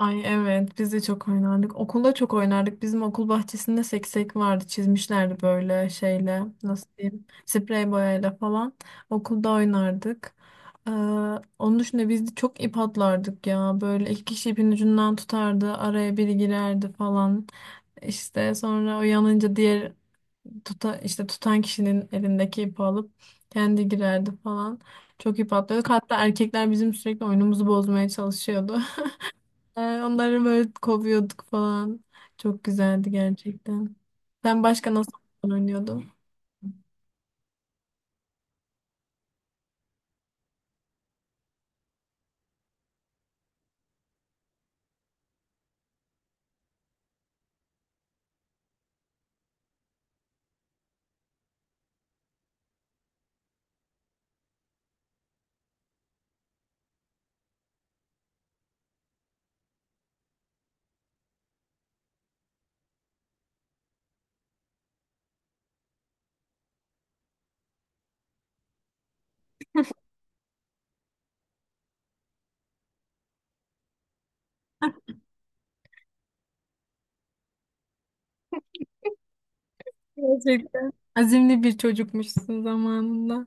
Ay evet biz de çok oynardık. Okulda çok oynardık. Bizim okul bahçesinde seksek vardı. Çizmişlerdi böyle şeyle nasıl diyeyim sprey boyayla falan. Okulda oynardık. Ee, onun dışında biz de çok ip atlardık ya. Böyle iki kişi ipin ucundan tutardı. Araya biri girerdi falan. İşte sonra uyanınca diğer işte tutan kişinin elindeki ipi alıp kendi girerdi falan. Çok ip atlıyorduk. Hatta erkekler bizim sürekli oyunumuzu bozmaya çalışıyordu. Yani onları böyle kovuyorduk falan. Çok güzeldi gerçekten. Sen başka nasıl oyun oynuyordun? Gerçekten. Azimli bir çocukmuşsun zamanında.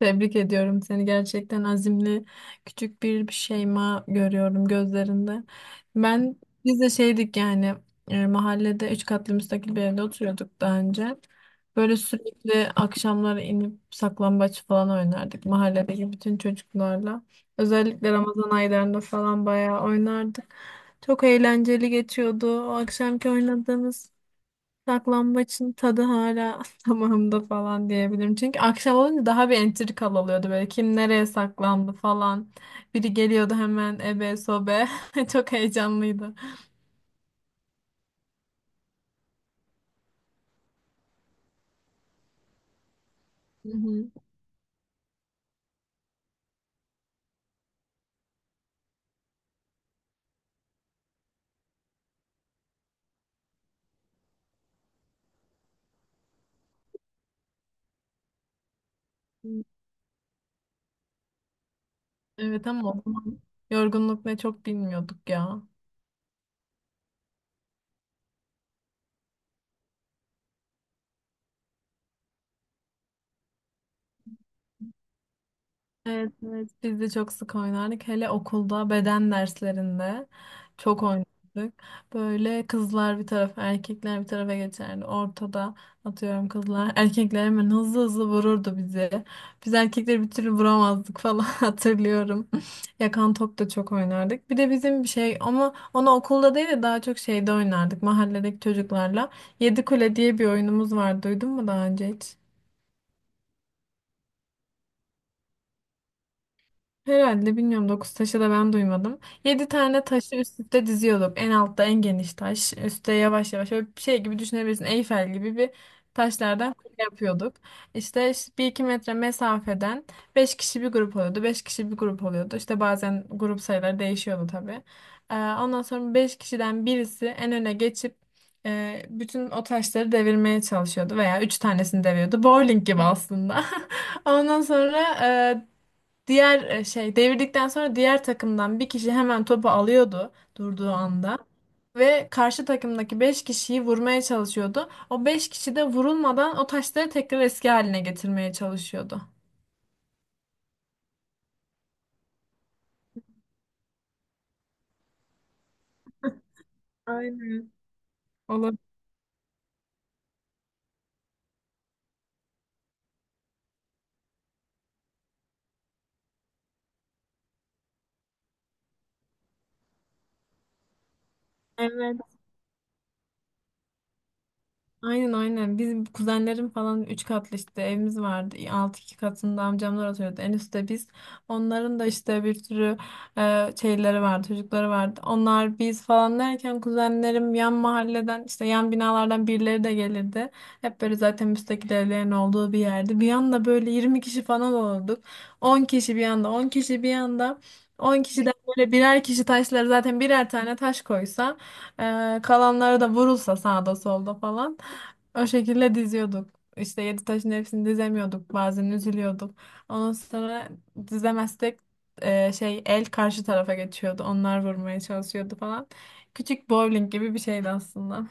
Tebrik ediyorum seni gerçekten azimli küçük bir şeyma görüyorum gözlerinde. Ben biz de şeydik yani mahallede üç katlı müstakil bir evde oturuyorduk daha önce. Böyle sürekli akşamları inip saklambaç falan oynardık mahalledeki bütün çocuklarla. Özellikle Ramazan aylarında falan bayağı oynardık. Çok eğlenceli geçiyordu o akşamki oynadığımız. Saklambaçın tadı hala damağımda falan diyebilirim. Çünkü akşam olunca daha bir entrikalı oluyordu böyle. Kim nereye saklandı falan. Biri geliyordu hemen ebe sobe. Çok heyecanlıydı. Hı hı. Evet ama o zaman yorgunluk ne çok bilmiyorduk ya. Evet, evet. Biz de çok sık oynardık. Hele okulda beden derslerinde çok oynardık. Böyle kızlar bir tarafa, erkekler bir tarafa geçerdi. Ortada atıyorum kızlar. Erkekler hemen hızlı hızlı vururdu bizi. Biz erkekleri bir türlü vuramazdık falan hatırlıyorum. Yakan top da çok oynardık. Bir de bizim bir şey ama onu okulda değil de daha çok şeyde oynardık. Mahalledeki çocuklarla. Yedi Kule diye bir oyunumuz vardı. Duydun mu daha önce hiç? Herhalde bilmiyorum 9 taşı da ben duymadım. Yedi tane taşı üst üste diziyorduk. En altta en geniş taş. Üste yavaş yavaş böyle bir şey gibi düşünebilirsin. Eyfel gibi bir taşlardan kule yapıyorduk. İşte, 1-2 metre mesafeden 5 kişi bir grup oluyordu. 5 kişi bir grup oluyordu. İşte bazen grup sayıları değişiyordu tabii. Ondan sonra 5 kişiden birisi en öne geçip bütün o taşları devirmeye çalışıyordu veya 3 tanesini deviriyordu. Bowling gibi aslında. Ondan sonra diğer devirdikten sonra diğer takımdan bir kişi hemen topu alıyordu durduğu anda ve karşı takımdaki 5 kişiyi vurmaya çalışıyordu. O 5 kişi de vurulmadan o taşları tekrar eski haline getirmeye çalışıyordu. Aynen. Olur. Evet. Aynen, aynen. Bizim kuzenlerim falan 3 katlı işte evimiz vardı. Alt iki katında amcamlar oturuyordu. En üstte biz. Onların da işte bir sürü şeyleri vardı, çocukları vardı. Onlar biz falan derken kuzenlerim yan mahalleden işte yan binalardan birileri de gelirdi. Hep böyle zaten müstakil evlerin olduğu bir yerdi. Bir anda böyle 20 kişi falan olduk. 10 kişi bir anda, 10 kişi bir anda. 10 kişiden böyle birer kişi taşları zaten birer tane taş koysa, kalanları da vurulsa sağda solda falan. O şekilde diziyorduk. İşte yedi taşın hepsini dizemiyorduk. Bazen üzülüyorduk. Ondan sonra dizemezsek el karşı tarafa geçiyordu. Onlar vurmaya çalışıyordu falan. Küçük bowling gibi bir şeydi aslında.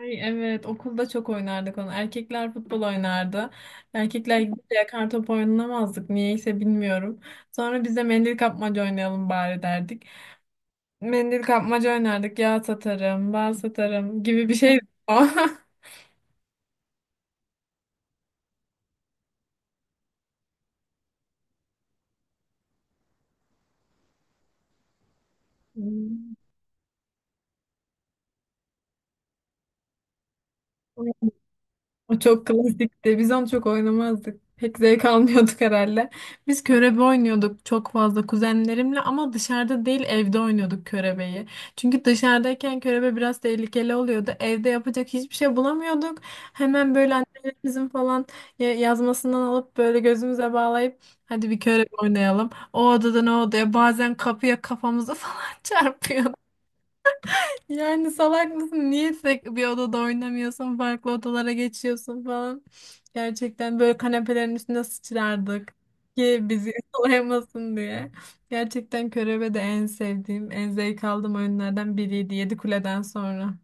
Ay, evet okulda çok oynardık onu. Erkekler futbol oynardı. Erkekler gidince yakar top oynamazdık. Niyeyse bilmiyorum. Sonra biz de mendil kapmaca oynayalım bari derdik. Mendil kapmaca oynardık. Yağ satarım, bal satarım gibi bir şeydi o. Hmm. O çok klasikti. Biz onu çok oynamazdık. Pek zevk almıyorduk herhalde. Biz körebe oynuyorduk çok fazla kuzenlerimle ama dışarıda değil evde oynuyorduk körebeyi. Çünkü dışarıdayken körebe biraz tehlikeli oluyordu. Evde yapacak hiçbir şey bulamıyorduk. Hemen böyle annelerimizin falan yazmasından alıp böyle gözümüze bağlayıp hadi bir körebe oynayalım. O odadan o odaya bazen kapıya kafamızı falan çarpıyorduk. Yani salak mısın? Niye tek bir odada oynamıyorsun? Farklı odalara geçiyorsun falan. Gerçekten böyle kanepelerin üstüne sıçrardık. Ki bizi yakalayamasın diye. Gerçekten körebe de en sevdiğim, en zevk aldığım oyunlardan biriydi. Yedi Kule'den sonra.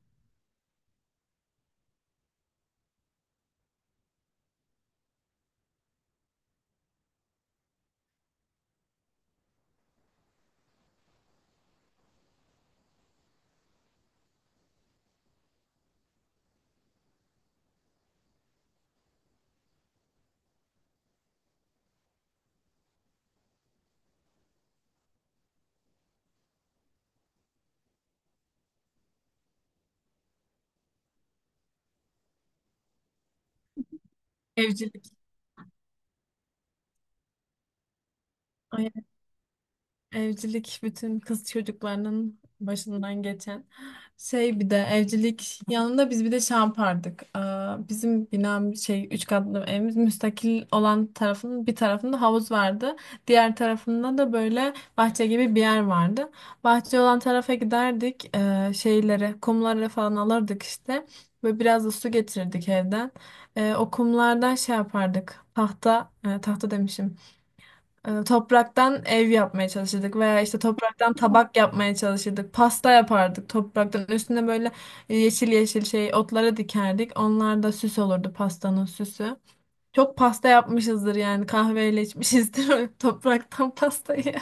Evcilik. Evcilik bütün kız çocuklarının başından geçen şey bir de evcilik yanında biz bir de şey yapardık. Aa, bizim binam şey üç katlı evimiz müstakil olan tarafının bir tarafında havuz vardı. Diğer tarafında da böyle bahçe gibi bir yer vardı. Bahçe olan tarafa giderdik. Şeyleri kumları falan alırdık işte. Ve biraz da su getirirdik evden. O kumlardan şey yapardık. Tahta e, tahta demişim e, topraktan ev yapmaya çalışırdık veya işte topraktan tabak yapmaya çalışırdık. Pasta yapardık topraktan. Üstüne böyle yeşil yeşil şey otları dikerdik. Onlar da süs olurdu pastanın süsü. Çok pasta yapmışızdır yani kahveyle içmişizdir topraktan pastayı.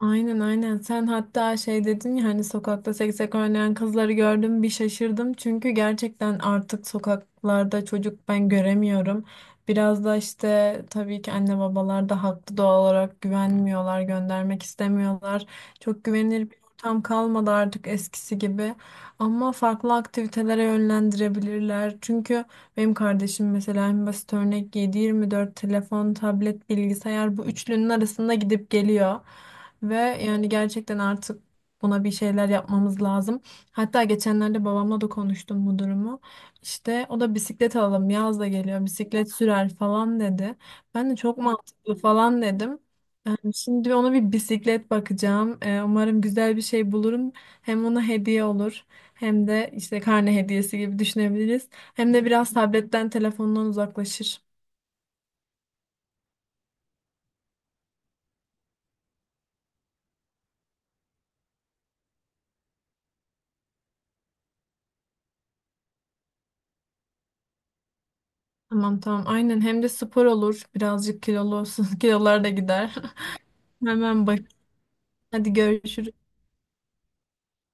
Aynen, aynen. Sen hatta şey dedin ya hani sokakta seksek oynayan kızları gördüm bir şaşırdım. Çünkü gerçekten artık sokaklarda çocuk ben göremiyorum. Biraz da işte tabii ki anne babalar da haklı doğal olarak güvenmiyorlar, göndermek istemiyorlar. Çok güvenilir bir ortam kalmadı artık eskisi gibi. Ama farklı aktivitelere yönlendirebilirler. Çünkü benim kardeşim mesela en basit örnek 7-24 telefon, tablet, bilgisayar bu üçlünün arasında gidip geliyor. Ve yani gerçekten artık buna bir şeyler yapmamız lazım. Hatta geçenlerde babamla da konuştum bu durumu. İşte o da bisiklet alalım yaz da geliyor bisiklet sürer falan dedi. Ben de çok mantıklı falan dedim. Şimdi ona bir bisiklet bakacağım. Umarım güzel bir şey bulurum. Hem ona hediye olur, hem de işte karne hediyesi gibi düşünebiliriz. Hem de biraz tabletten, telefondan uzaklaşır. Tamam, tamam aynen hem de spor olur. Birazcık kilolu olsun. Kilolar da gider. Hemen bak. Hadi görüşürüz.